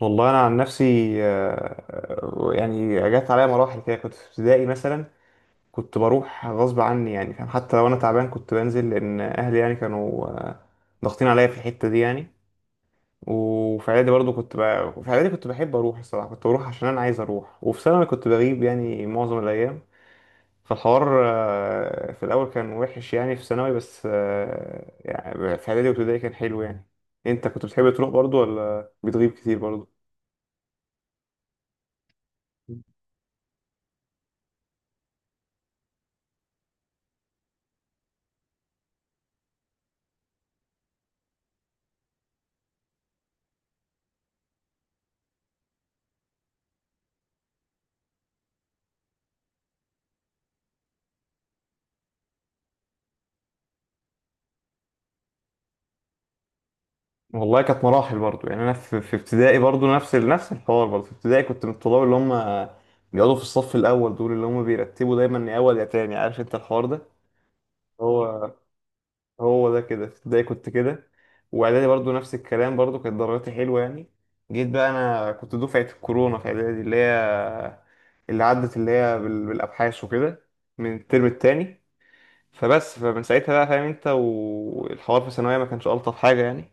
والله انا عن نفسي. يعني جت عليا مراحل كده، كنت في ابتدائي مثلا كنت بروح غصب عني، يعني فاهم، حتى لو انا تعبان كنت بنزل لان اهلي يعني كانوا ضاغطين عليا في الحته دي يعني. وفي اعدادي برضو كنت ب... في اعدادي كنت بحب اروح، الصراحه كنت بروح عشان انا عايز اروح، وفي ثانوي كنت بغيب يعني معظم الايام. فالحوار في الاول كان وحش يعني في ثانوي، بس يعني في اعدادي وابتدائي كان حلو يعني. انت كنت بتحب تروح برضو ولا بتغيب كتير برضو؟ والله كانت مراحل برضو، يعني انا في ابتدائي برضو نفس نفس الحوار، برضو في ابتدائي كنت من الطلاب اللي هم بيقعدوا في الصف الاول، دول اللي هم بيرتبوا دايما يا اول يا تاني، عارف انت الحوار ده. هو هو ده كده، في ابتدائي كنت كده، واعدادي برضو نفس الكلام، برضو كانت درجاتي حلوه يعني. جيت بقى، انا كنت دفعه الكورونا في اعدادي، اللي هي اللي عدت اللي هي بالابحاث وكده، من الترم التاني. فمن ساعتها بقى فاهم انت، والحوار في ثانويه ما كانش الطف حاجه يعني،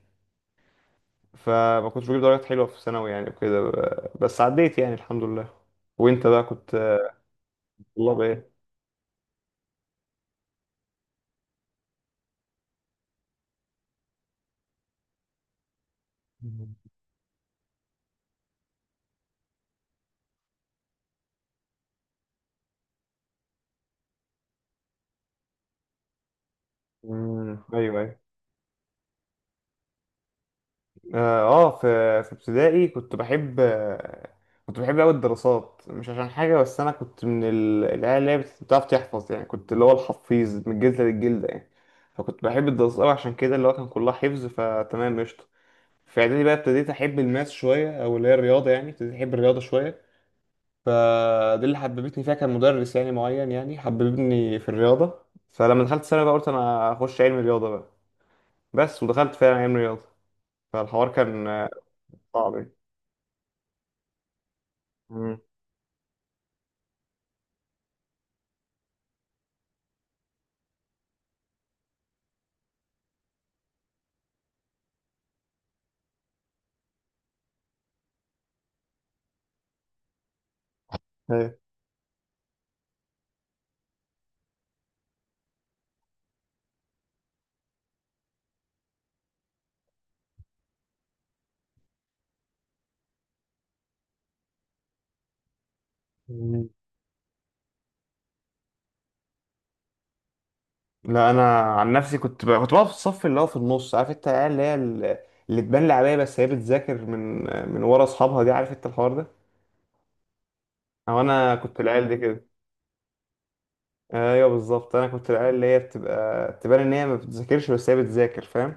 فما كنتش بجيب درجات حلوة في ثانوي يعني وكده، بس عديت يعني الحمد لله. وانت بقى كنت طلاب ايه؟ ايوه ايوه. اه آه، في في ابتدائي كنت بحب، كنت بحب قوي الدراسات، مش عشان حاجه، بس انا كنت من العيال اللي هي بتعرف تحفظ، يعني كنت اللي هو الحفيظ من الجلده للجلده يعني. فكنت بحب الدراسات قوي عشان كده اللي هو كان كلها حفظ، فتمام قشطه. في اعدادي بقى ابتديت احب الماس شويه، او اللي هي الرياضه، يعني ابتديت احب الرياضه شويه، فدي اللي حببتني فيها كان مدرس يعني معين، يعني حببني في الرياضة. فلما دخلت ثانوي بقى قلت انا هخش علم رياضة بقى، بس ودخلت فعلا علم رياضة. فالحوار كان صعب يعني. مم. أيوة. مم. لا انا عن نفسي كنت بقى، كنت بقى في الصف اللي هو في النص، عارف انت العيال اللي هي اللي تبان لعبية بس هي بتذاكر من ورا اصحابها دي، عارف انت الحوار ده؟ او انا كنت العيال دي كده. ايوه بالظبط، انا كنت العيال اللي هي بتبقى تبان ان هي ما بتذاكرش بس هي بتذاكر، فاهم.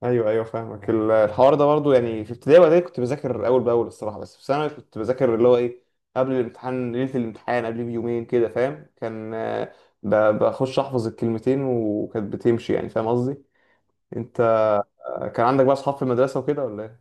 ايوه ايوه فاهمك، الحوار ده برضه. يعني في ابتدائي واعدادي كنت بذاكر اول باول الصراحه، بس في ثانوي كنت بذاكر اللي هو ايه، قبل الامتحان، ليله الامتحان، قبل بيومين كده فاهم، كان بخش احفظ الكلمتين وكانت بتمشي، يعني فاهم قصدي. انت كان عندك بقى اصحاب في المدرسه وكده ولا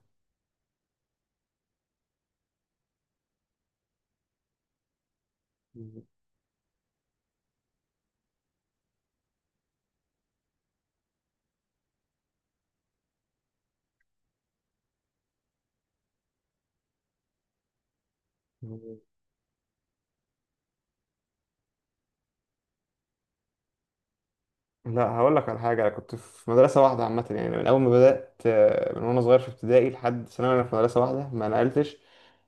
ايه؟ لا هقول لك على حاجة، أنا كنت في مدرسة واحدة عامة يعني، من أول ما بدأت من وأنا صغير في ابتدائي لحد ثانوي أنا في مدرسة واحدة، ما نقلتش.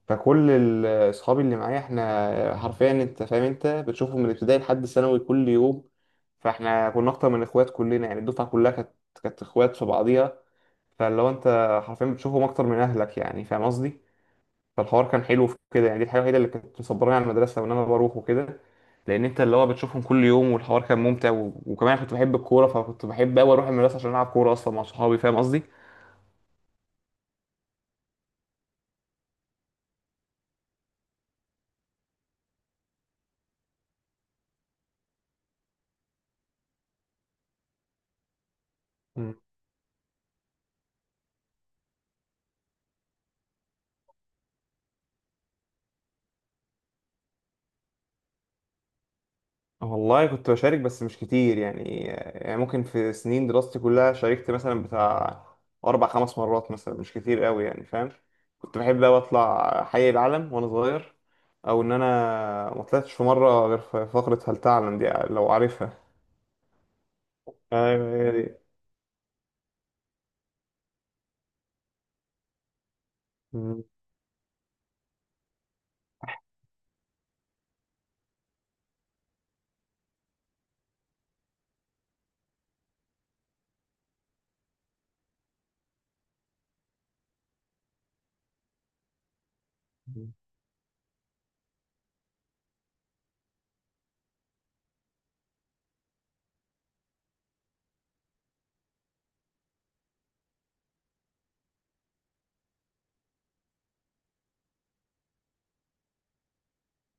فكل أصحابي اللي معايا إحنا حرفيا، أنت فاهم، أنت بتشوفهم من ابتدائي لحد ثانوي كل يوم. فإحنا كنا أكتر من إخوات كلنا، يعني الدفعة كلها كانت إخوات في بعضيها. فاللي هو أنت حرفيا بتشوفهم أكتر من أهلك، يعني فاهم قصدي؟ فالحوار كان حلو في كده يعني، دي الحاجه الوحيده اللي كانت مصبراني على المدرسه وان انا بروح وكده، لان انت اللي هو بتشوفهم كل يوم، والحوار كان ممتع و... وكمان كنت بحب الكوره، فكنت بحب قوي اروح المدرسه عشان العب كوره اصلا مع صحابي، فاهم قصدي. مم. والله كنت بشارك بس مش كتير يعني، يعني ممكن في سنين دراستي كلها شاركت مثلا بتاع أربع خمس مرات مثلا، مش كتير قوي يعني فاهم. كنت بحب أوي أطلع حي العلم وأنا صغير، أو إن أنا ما طلعتش في مرة غير في فقرة هل تعلم دي، لو عارفها. ايوه هي دي. مم.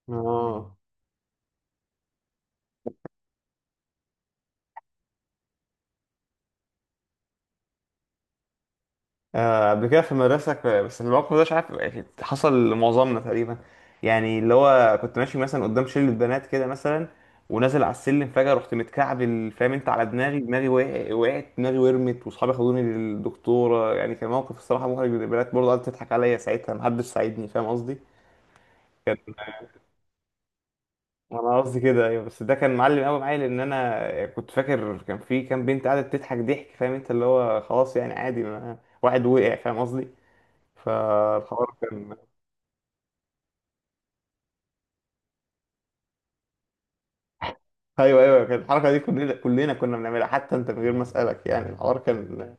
اه قبل كده في المدرسة بس الموقف ده مش عارف، يعني حصل لمعظمنا تقريبا. يعني اللي هو كنت ماشي مثلا قدام شلة بنات كده مثلا، ونازل على السلم فجأة رحت متكعبل، فاهم انت، على دماغي دماغي وقعت دماغي ورمت، واصحابي خدوني للدكتورة، يعني كان موقف الصراحة محرج، البنات برضه قعدت تضحك عليا ساعتها، محدش ساعدني، فاهم قصدي؟ كان انا قصدي كده ايوه، بس ده كان معلم قوي معايا، لان انا كنت فاكر كان في كام بنت قاعدة بتضحك ضحك، فاهم انت، اللي هو خلاص يعني عادي، ما واحد وقع، فاهم قصدي؟ فالحوار كان ايوه ايوه. كانت الحركه دي كلنا، كلنا كنا بنعملها حتى انت من غير ما اسالك، يعني الحوار كان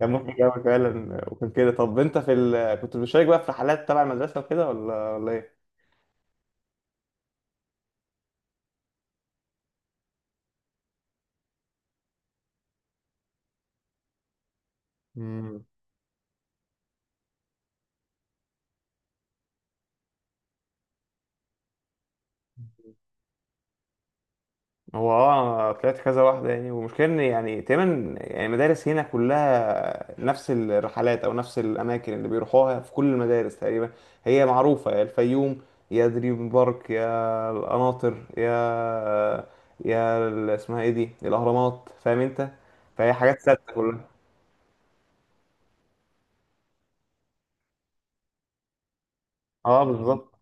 كان مضحك قوي فعلا، وكان كده. طب انت في ال... كنت بتشارك بقى في رحلات تبع المدرسه وكده ولا ولا ايه؟ هو اه طلعت كذا واحدة يعني، والمشكلة ان يعني تقريبا يعني مدارس هنا كلها نفس الرحلات او نفس الاماكن اللي بيروحوها في كل المدارس تقريبا. هي معروفة، يا الفيوم، يا دريم بارك، يا القناطر، يا اسمها ايه دي، الاهرامات، فاهم انت. فهي حاجات ثابتة كلها. اه بالظبط.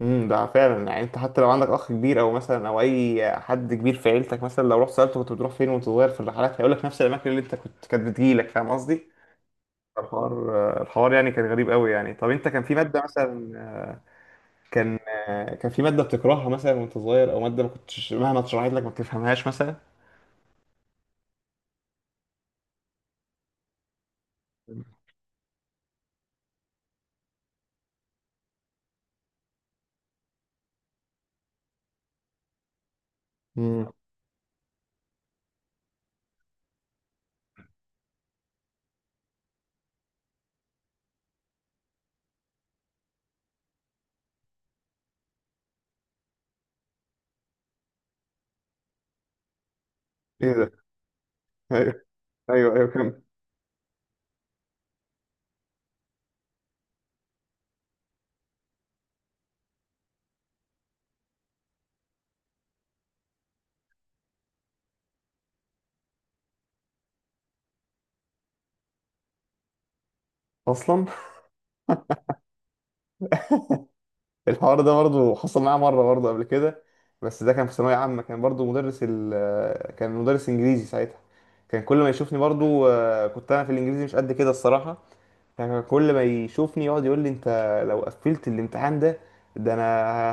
ده فعلا، يعني انت حتى لو عندك اخ كبير او مثلا او اي حد كبير في عيلتك مثلا، لو رحت سالته كنت بتروح فين وانت صغير في الرحلات، هيقول لك نفس الاماكن اللي انت كنت كانت بتجيلك، فاهم قصدي. الحوار يعني كان غريب قوي يعني. طب انت كان في ماده مثلا، كان كان في ماده بتكرهها مثلا وانت صغير، او ماده ما كنتش مهما اتشرحت لك ما بتفهمهاش مثلا. امم ايه ده. ايوه ايوه ايوه كان اصلا. الحوار ده برضه حصل معايا مره برضه قبل كده، بس ده كان في ثانويه عامه، كان برضه مدرس ال، كان مدرس انجليزي ساعتها، كان كل ما يشوفني برضه، كنت انا في الانجليزي مش قد كده الصراحه، يعني كل ما يشوفني يقعد يقول لي انت لو قفلت الامتحان ده، ده انا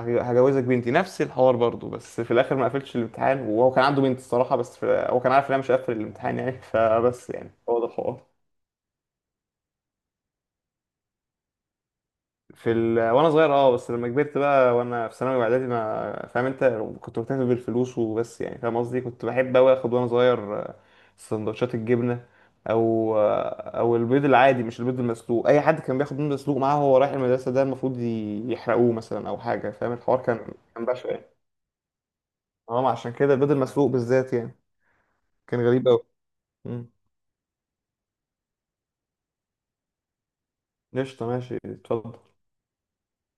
هجوزك بنتي، نفس الحوار برضو، بس في الاخر ما قفلتش الامتحان، وهو كان عنده بنت الصراحه، بس في... هو كان عارف ان انا مش هقفل الامتحان يعني فبس يعني هو ده الحوار. في ال... وانا صغير اه، بس لما كبرت بقى وانا في ثانوي واعدادي ما فاهم انت، كنت مكتفي بالفلوس وبس، يعني فاهم قصدي. كنت بحب اوي اخد وانا صغير سندوتشات الجبنه، او او البيض العادي، مش البيض المسلوق، اي حد كان بياخد بيض مسلوق معاه وهو رايح المدرسه ده المفروض يحرقوه مثلا او حاجه، فاهم الحوار كان كان بشع يعني. اه عشان كده البيض المسلوق بالذات يعني كان غريب اوي. مم. قشطه ماشي اتفضل.